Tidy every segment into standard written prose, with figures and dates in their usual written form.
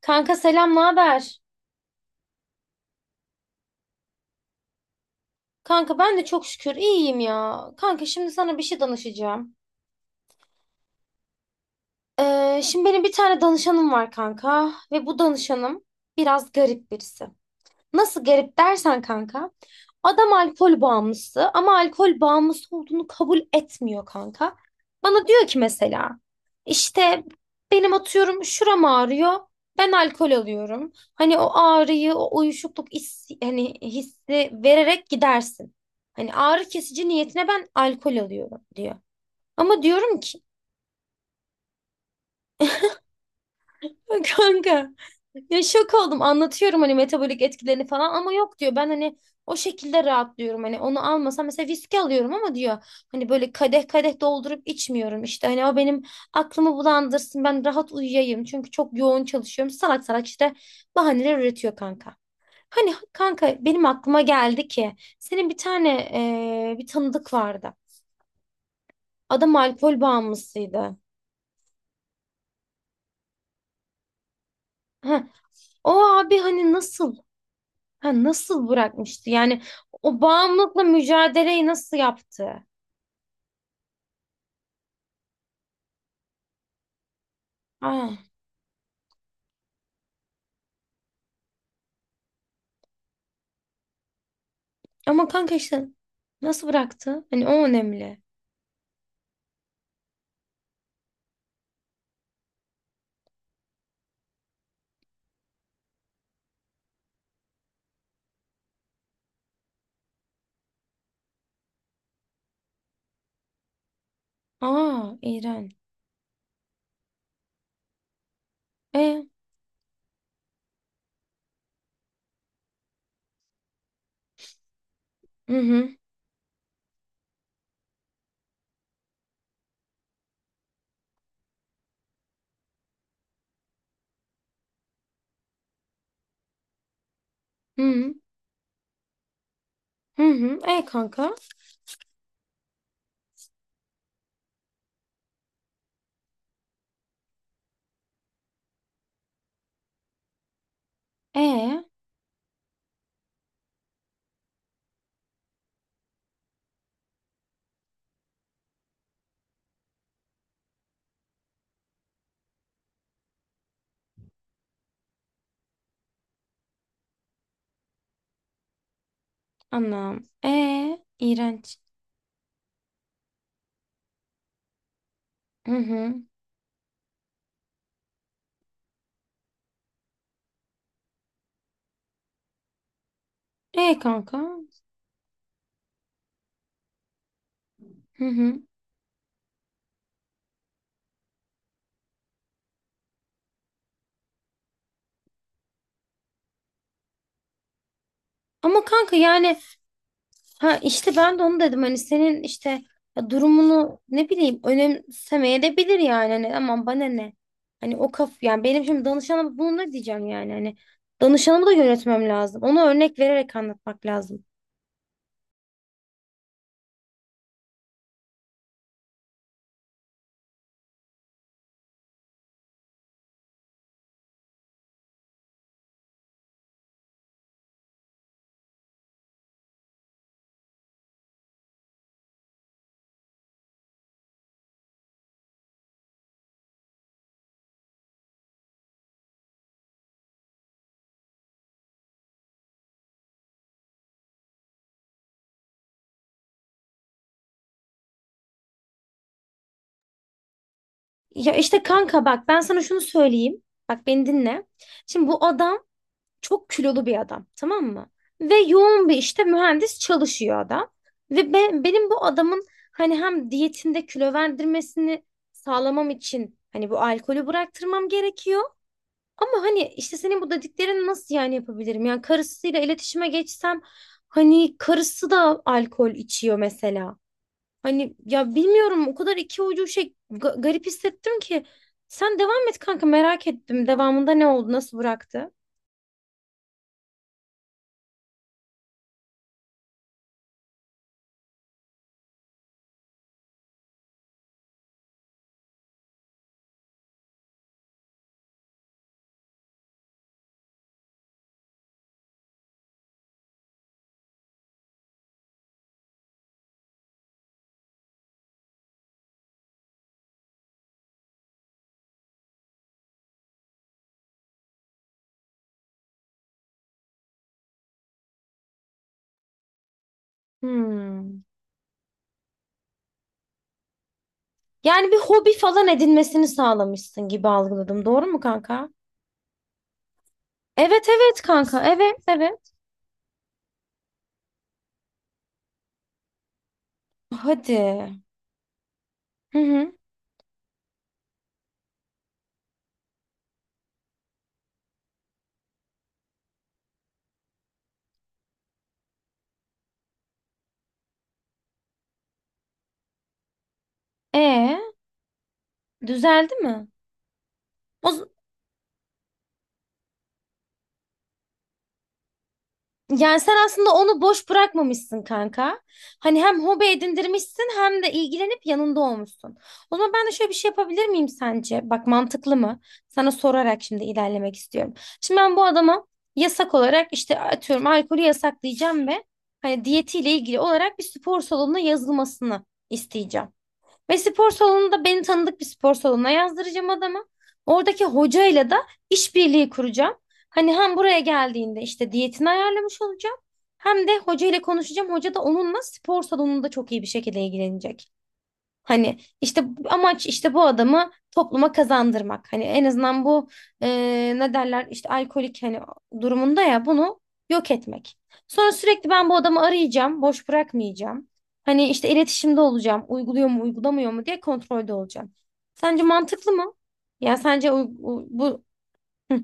Kanka selam, ne haber? Kanka ben de çok şükür iyiyim ya. Kanka şimdi sana bir şey danışacağım. Şimdi benim bir tane danışanım var kanka ve bu danışanım biraz garip birisi. Nasıl garip dersen kanka. Adam alkol bağımlısı ama alkol bağımlısı olduğunu kabul etmiyor kanka. Bana diyor ki mesela işte benim atıyorum şuram ağrıyor. Ben alkol alıyorum. Hani o ağrıyı, o uyuşukluk hissi, hani hissi vererek gidersin. Hani ağrı kesici niyetine ben alkol alıyorum diyor. Ama diyorum ki Kanka ya şok oldum anlatıyorum hani metabolik etkilerini falan ama yok diyor ben hani o şekilde rahatlıyorum hani onu almasam mesela viski alıyorum ama diyor hani böyle kadeh kadeh doldurup içmiyorum işte hani o benim aklımı bulandırsın ben rahat uyuyayım çünkü çok yoğun çalışıyorum salak salak işte bahaneler üretiyor kanka. Hani kanka benim aklıma geldi ki senin bir tane bir tanıdık vardı adam alkol bağımlısıydı. Heh, o abi hani nasıl? Ha, nasıl bırakmıştı? Yani o bağımlılıkla mücadeleyi nasıl yaptı? Aa, ama kanka işte nasıl bıraktı? Hani o önemli. Aa, İran. E, hı hı, hı hı, hı hı. E kanka. E, anam. İğrenç. Hı hı. E kanka. Hı hı. Ama kanka yani Ha işte ben de onu dedim hani senin işte ya durumunu ne bileyim önemsemeye de bilir yani hani aman bana ne. Hani o kaf yani benim şimdi danışanıma bunu ne diyeceğim yani hani danışanımı da yönetmem lazım. Ona örnek vererek anlatmak lazım. Ya işte kanka bak ben sana şunu söyleyeyim. Bak beni dinle. Şimdi bu adam çok kilolu bir adam tamam mı? Ve yoğun bir işte mühendis çalışıyor adam. Ve benim bu adamın hani hem diyetinde kilo verdirmesini sağlamam için hani bu alkolü bıraktırmam gerekiyor. Ama hani işte senin bu dediklerini nasıl yani yapabilirim? Yani karısıyla iletişime geçsem hani karısı da alkol içiyor mesela. Hani ya bilmiyorum o kadar iki ucu şey garip hissettim ki. Sen devam et kanka merak ettim devamında ne oldu nasıl bıraktı? Hmm. Yani bir hobi falan edinmesini sağlamışsın gibi algıladım. Doğru mu kanka? Evet evet kanka. Evet evet. Hadi. Hı hı. E düzeldi mi? O, Yani sen aslında onu boş bırakmamışsın kanka. Hani hem hobi edindirmişsin hem de ilgilenip yanında olmuşsun. O zaman ben de şöyle bir şey yapabilir miyim sence? Bak mantıklı mı? Sana sorarak şimdi ilerlemek istiyorum. Şimdi ben bu adama yasak olarak işte atıyorum alkolü yasaklayacağım ve hani diyetiyle ilgili olarak bir spor salonuna yazılmasını isteyeceğim. Ve spor salonunda beni tanıdık bir spor salonuna yazdıracağım adamı. Oradaki hocayla da işbirliği kuracağım. Hani hem buraya geldiğinde işte diyetini ayarlamış olacağım. Hem de hocayla konuşacağım. Hoca da onunla spor salonunda çok iyi bir şekilde ilgilenecek. Hani işte amaç işte bu adamı topluma kazandırmak. Hani en azından bu e, ne derler işte alkolik hani durumunda ya bunu yok etmek. Sonra sürekli ben bu adamı arayacağım, boş bırakmayacağım. Hani işte iletişimde olacağım, uyguluyor mu, uygulamıyor mu diye kontrolde olacağım. Sence mantıklı mı? Ya sence bu Hı.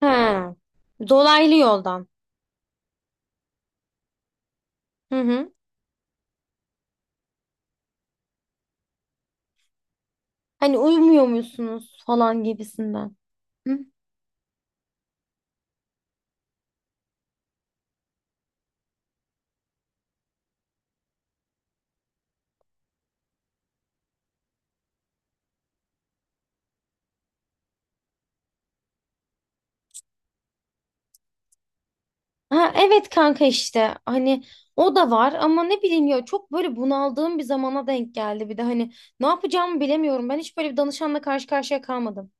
ha. Dolaylı yoldan. Hı hı. Hani uyumuyor musunuz falan gibisinden. Ha, evet kanka işte hani o da var ama ne bileyim ya çok böyle bunaldığım bir zamana denk geldi bir de hani ne yapacağımı bilemiyorum ben hiç böyle bir danışanla karşı karşıya kalmadım.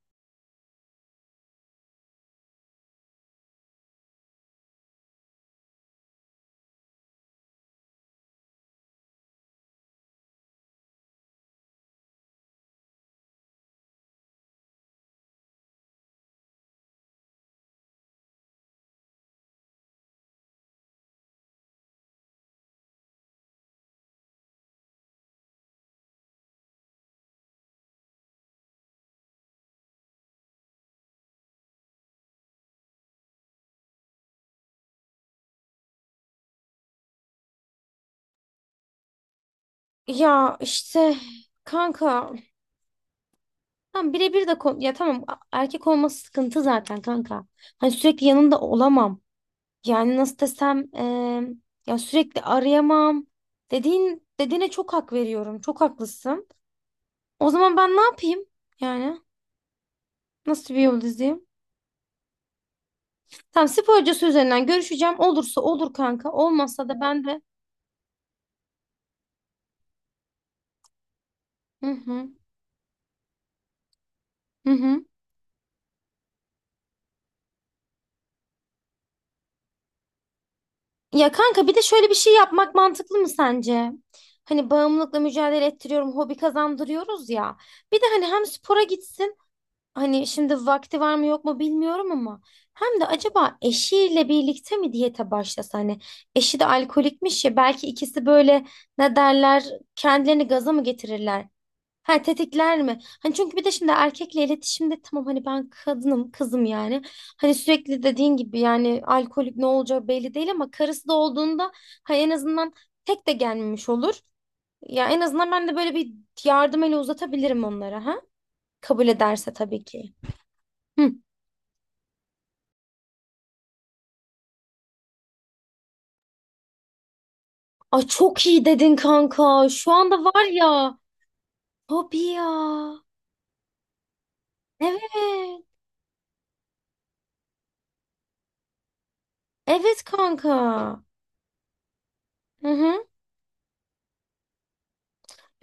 Ya işte kanka tam birebir de ya tamam erkek olması sıkıntı zaten kanka hani sürekli yanında olamam yani nasıl desem ya sürekli arayamam dediğin dediğine çok hak veriyorum çok haklısın o zaman ben ne yapayım yani nasıl bir yol izleyeyim? Tamam spor hocası üzerinden görüşeceğim. Olursa olur kanka. Olmazsa da ben de. Hı hı. Hı hı. Ya kanka bir de şöyle bir şey yapmak mantıklı mı sence? Hani bağımlılıkla mücadele ettiriyorum, hobi kazandırıyoruz ya. Bir de hani hem spora gitsin. Hani şimdi vakti var mı yok mu bilmiyorum ama. Hem de acaba eşiyle birlikte mi diyete başlasa hani eşi de alkolikmiş ya belki ikisi böyle ne derler kendilerini gaza mı getirirler? Ha tetikler mi? Hani çünkü bir de şimdi erkekle iletişimde tamam hani ben kadınım kızım yani. Hani sürekli dediğin gibi yani alkolik ne olacağı belli değil ama karısı da olduğunda ha en azından tek de gelmemiş olur. Ya en azından ben de böyle bir yardım eli uzatabilirim onlara ha. Kabul ederse tabii ki. Hı. Ay çok iyi dedin kanka. Şu anda var ya. Tabii ya. Evet. Evet kanka. Hı hı.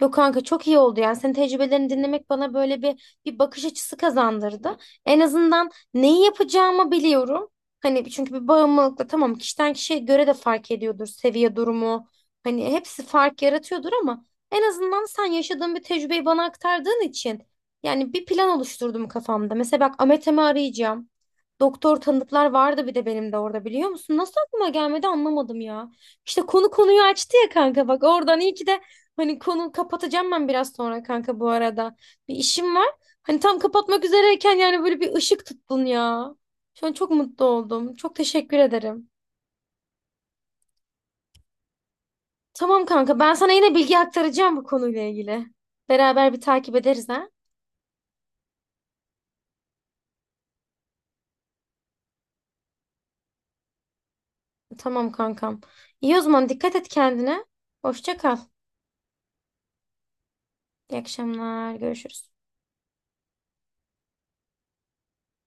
Yok kanka çok iyi oldu yani senin tecrübelerini dinlemek bana böyle bir bakış açısı kazandırdı. En azından neyi yapacağımı biliyorum. Hani çünkü bir bağımlılıkla tamam kişiden kişiye göre de fark ediyordur seviye durumu. Hani hepsi fark yaratıyordur ama en azından sen yaşadığın bir tecrübeyi bana aktardığın için yani bir plan oluşturdum kafamda. Mesela bak Ametem'i arayacağım. Doktor tanıdıklar vardı bir de benim de orada biliyor musun? Nasıl aklıma gelmedi anlamadım ya. İşte konu konuyu açtı ya kanka bak oradan iyi ki de hani konu kapatacağım ben biraz sonra kanka bu arada. Bir işim var. Hani tam kapatmak üzereyken yani böyle bir ışık tuttun ya. Şu an çok mutlu oldum. Çok teşekkür ederim. Tamam kanka ben sana yine bilgi aktaracağım bu konuyla ilgili. Beraber bir takip ederiz ha. Tamam kankam. İyi o zaman dikkat et kendine. Hoşça kal. İyi akşamlar. Görüşürüz.